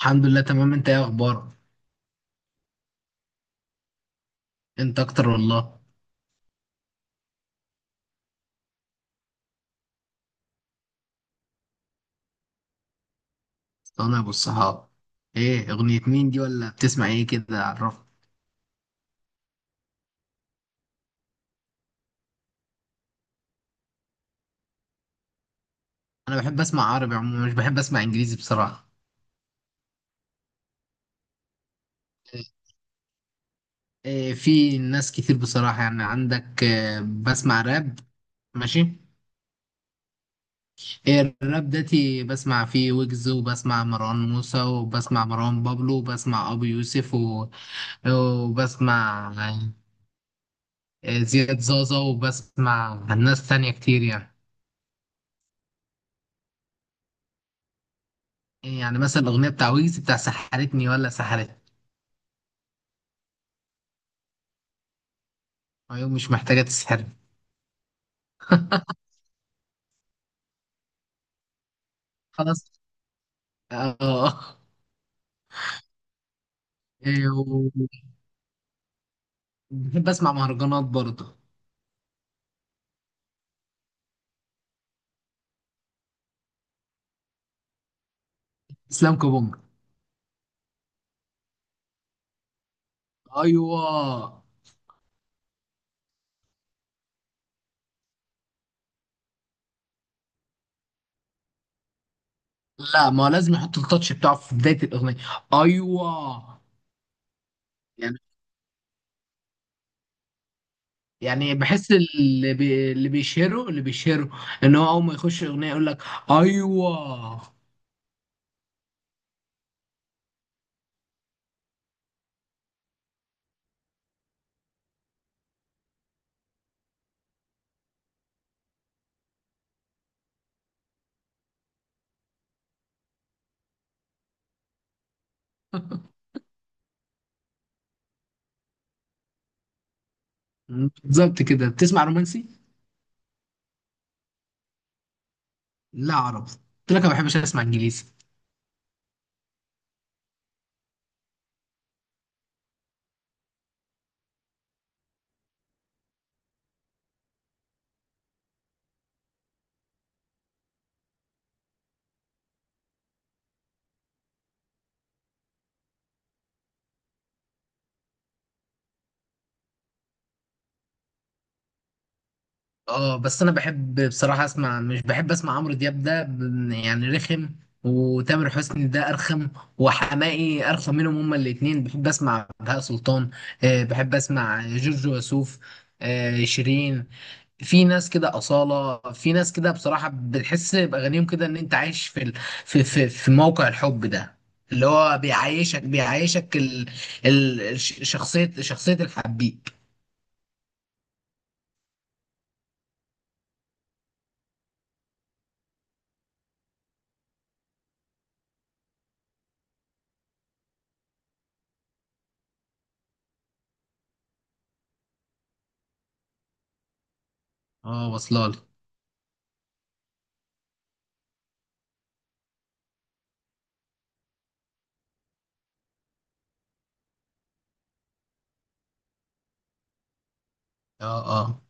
الحمد لله، تمام. انت ايه اخبارك؟ انت اكتر والله. انا ابو الصحاب. ايه اغنية مين دي؟ ولا بتسمع ايه كده عرفت؟ انا بحب اسمع عربي عموما، مش بحب اسمع انجليزي بصراحة. إيه، في ناس كتير بصراحة. يعني عندك إيه؟ بسمع راب. ماشي. إيه الراب داتي، بسمع فيه ويجز وبسمع مروان موسى وبسمع مروان بابلو وبسمع ابو يوسف وبسمع إيه زياد زازا وبسمع ناس تانية كتير يعني. إيه يعني مثلا الأغنية بتاع ويجز بتاع سحرتني ولا سحرتني. عيون مش محتاجة تسحرني. خلاص. آه. إيه و- بحب أسمع مهرجانات برضه. إسلام كابونجا. أيوه. لا، ما هو لازم يحط التاتش بتاعه في بداية الأغنية. أيوه. يعني يعني بحس اللي بيشهره إن هو أول ما يخش الأغنية يقول لك. أيوه. بالظبط كده. بتسمع رومانسي؟ لا، عربي قلت لك، ما بحبش أسمع إنجليزي. اه بس انا بحب بصراحه اسمع، مش بحب اسمع عمرو دياب ده يعني رخم، وتامر حسني ده ارخم، وحماقي ارخم منهم. هما الاتنين. بحب اسمع بهاء سلطان. بحب اسمع جورج وسوف. شيرين. في ناس كده أصالة، في ناس كده بصراحة بتحس بأغانيهم كده إن أنت عايش في في موقع الحب ده، اللي هو بيعيشك شخصية الحبيب. اه، واصلة لي. اه اه.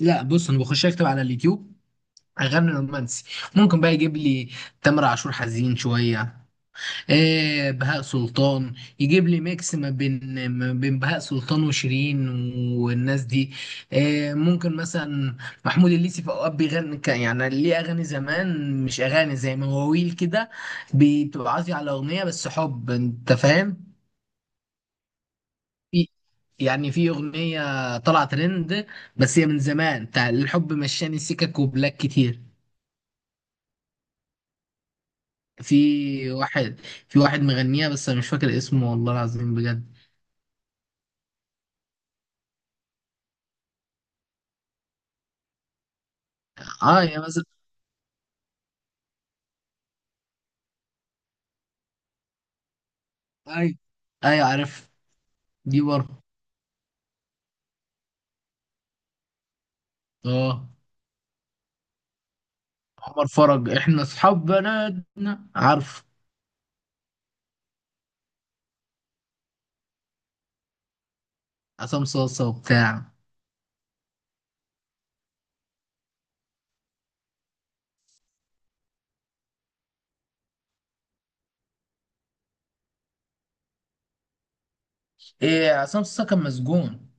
لا بص، انا بخش اكتب على اليوتيوب اغاني رومانسي، ممكن بقى يجيب لي تامر عاشور حزين شويه. إيه بهاء سلطان، يجيب لي ميكس ما بين بهاء سلطان وشيرين والناس دي. إيه ممكن مثلا محمود الليثي في اوقات بيغني يعني ليه اغاني زمان، مش اغاني، زي مواويل كده، بتبقى عازي على اغنيه بس حب. انت فاهم؟ في- يعني في اغنيه طلعت ترند بس هي من زمان، بتاع الحب مشاني سكك وبلاك كتير. في واحد في واحد مغنيها بس انا مش فاكر اسمه والله العظيم بجد. اه، يا مثلا. ايوه ايوه، عارف. دي برضه. اه. عمر فرج احنا اصحاب بلدنا، عارف. عصام صاصا وبتاع. إيه عصام صاصا كان مسجون.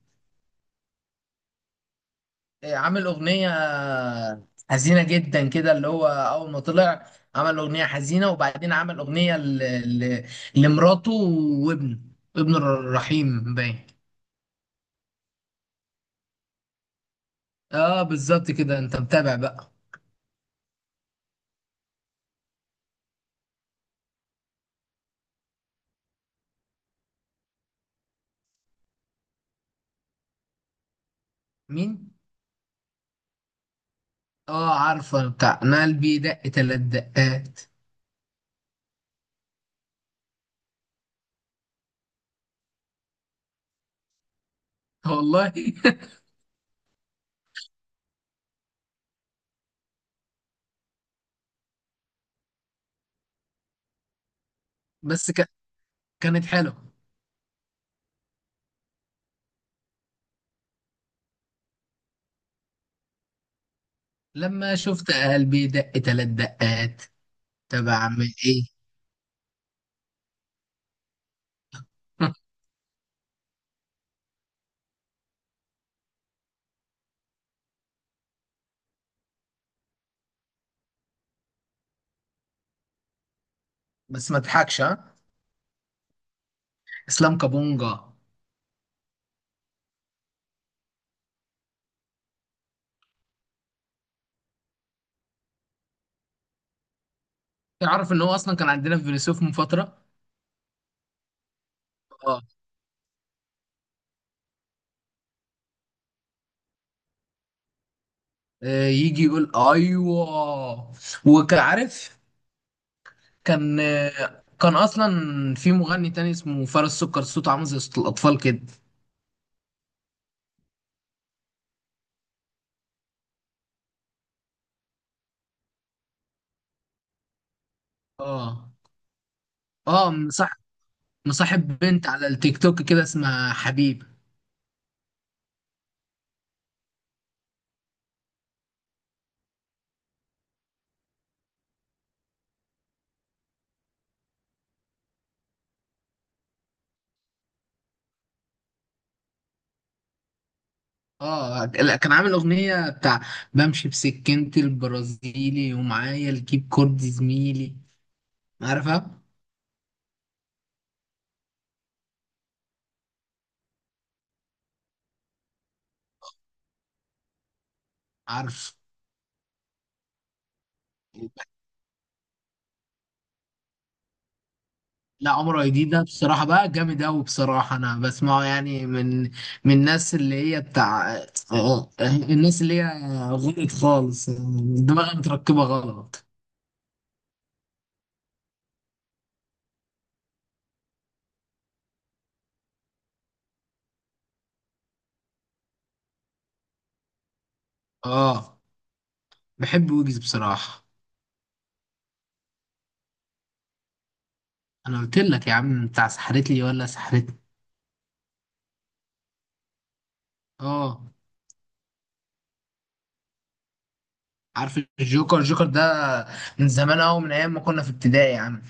إيه، عامل اغنيه حزينه جدا كده، اللي هو اول ما طلع عمل اغنيه حزينه، وبعدين عمل اغنيه ل... لمراته وابنه، ابن الرحيم باين. اه بالظبط كده، انت متابع بقى. مين؟ اه عارفه، بتاع انا قلبي دق تلات دقات. والله. بس ك... كانت حلوه. لما شفت قلبي دق تلات دقات طب اعمل ايه. بس ما تضحكش ها. اسلام كابونجا. تعرف ان هو اصلا كان عندنا في فيلسوف من فتره. اه. يجي يقول ايوه. وكعارف. كان كان اصلا في مغني تاني اسمه فارس سكر، صوته عامل زي صوت الاطفال كده. اه. اه صح. مصاحب بنت على التيك توك كده اسمها حبيب. اه. لا، كان عامل اغنية بتاع بمشي بسكينتي البرازيلي ومعايا الكيب كورد زميلي. عارفها؟ عارف. لا عمر اي دي ده بصراحة بقى جامد أوي بصراحة. أنا بسمعه يعني من من الناس اللي هي بتاع الناس اللي هي غلط خالص، دماغها متركبة غلط. اه بحب ويجز بصراحة. أنا قلت لك يا عم بتاع سحرتلي ولا سحرتني. اه عارف الجوكر. الجوكر ده من زمان قوي، من ايام ما كنا في ابتدائي يا عم.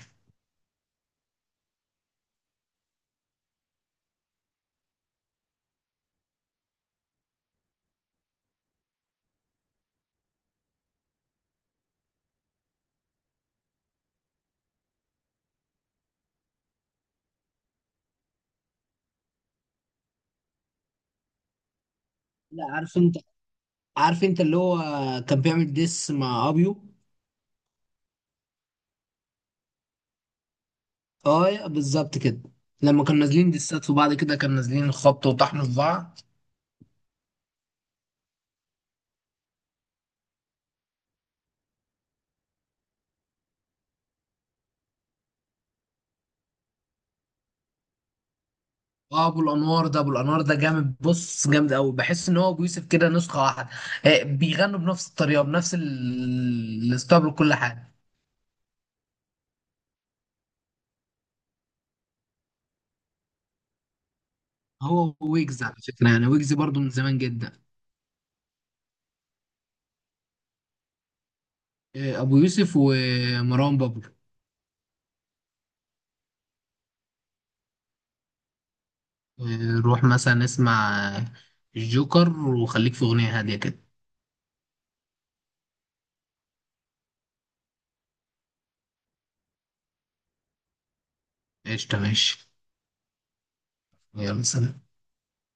لا عارف انت، عارف انت اللي هو كان بيعمل ديس مع ابيو. اه بالظبط كده. لما كانوا نازلين ديسات في بعض كده، كانوا نازلين خبط وطحن في بعض. اه ابو الانوار ده، ابو الانوار ده جامد بص، جامد قوي. بحس ان هو ابو يوسف كده نسخه واحده. آه بيغنوا بنفس الطريقه بنفس الستايل وكل حاجه. هو ويجز على فكره يعني، ويجز برضو من زمان جدا. آه ابو يوسف ومروان بابلو. روح مثلا اسمع الجوكر، وخليك في أغنية هادية كده. قشطة ماشي. يلا سلام.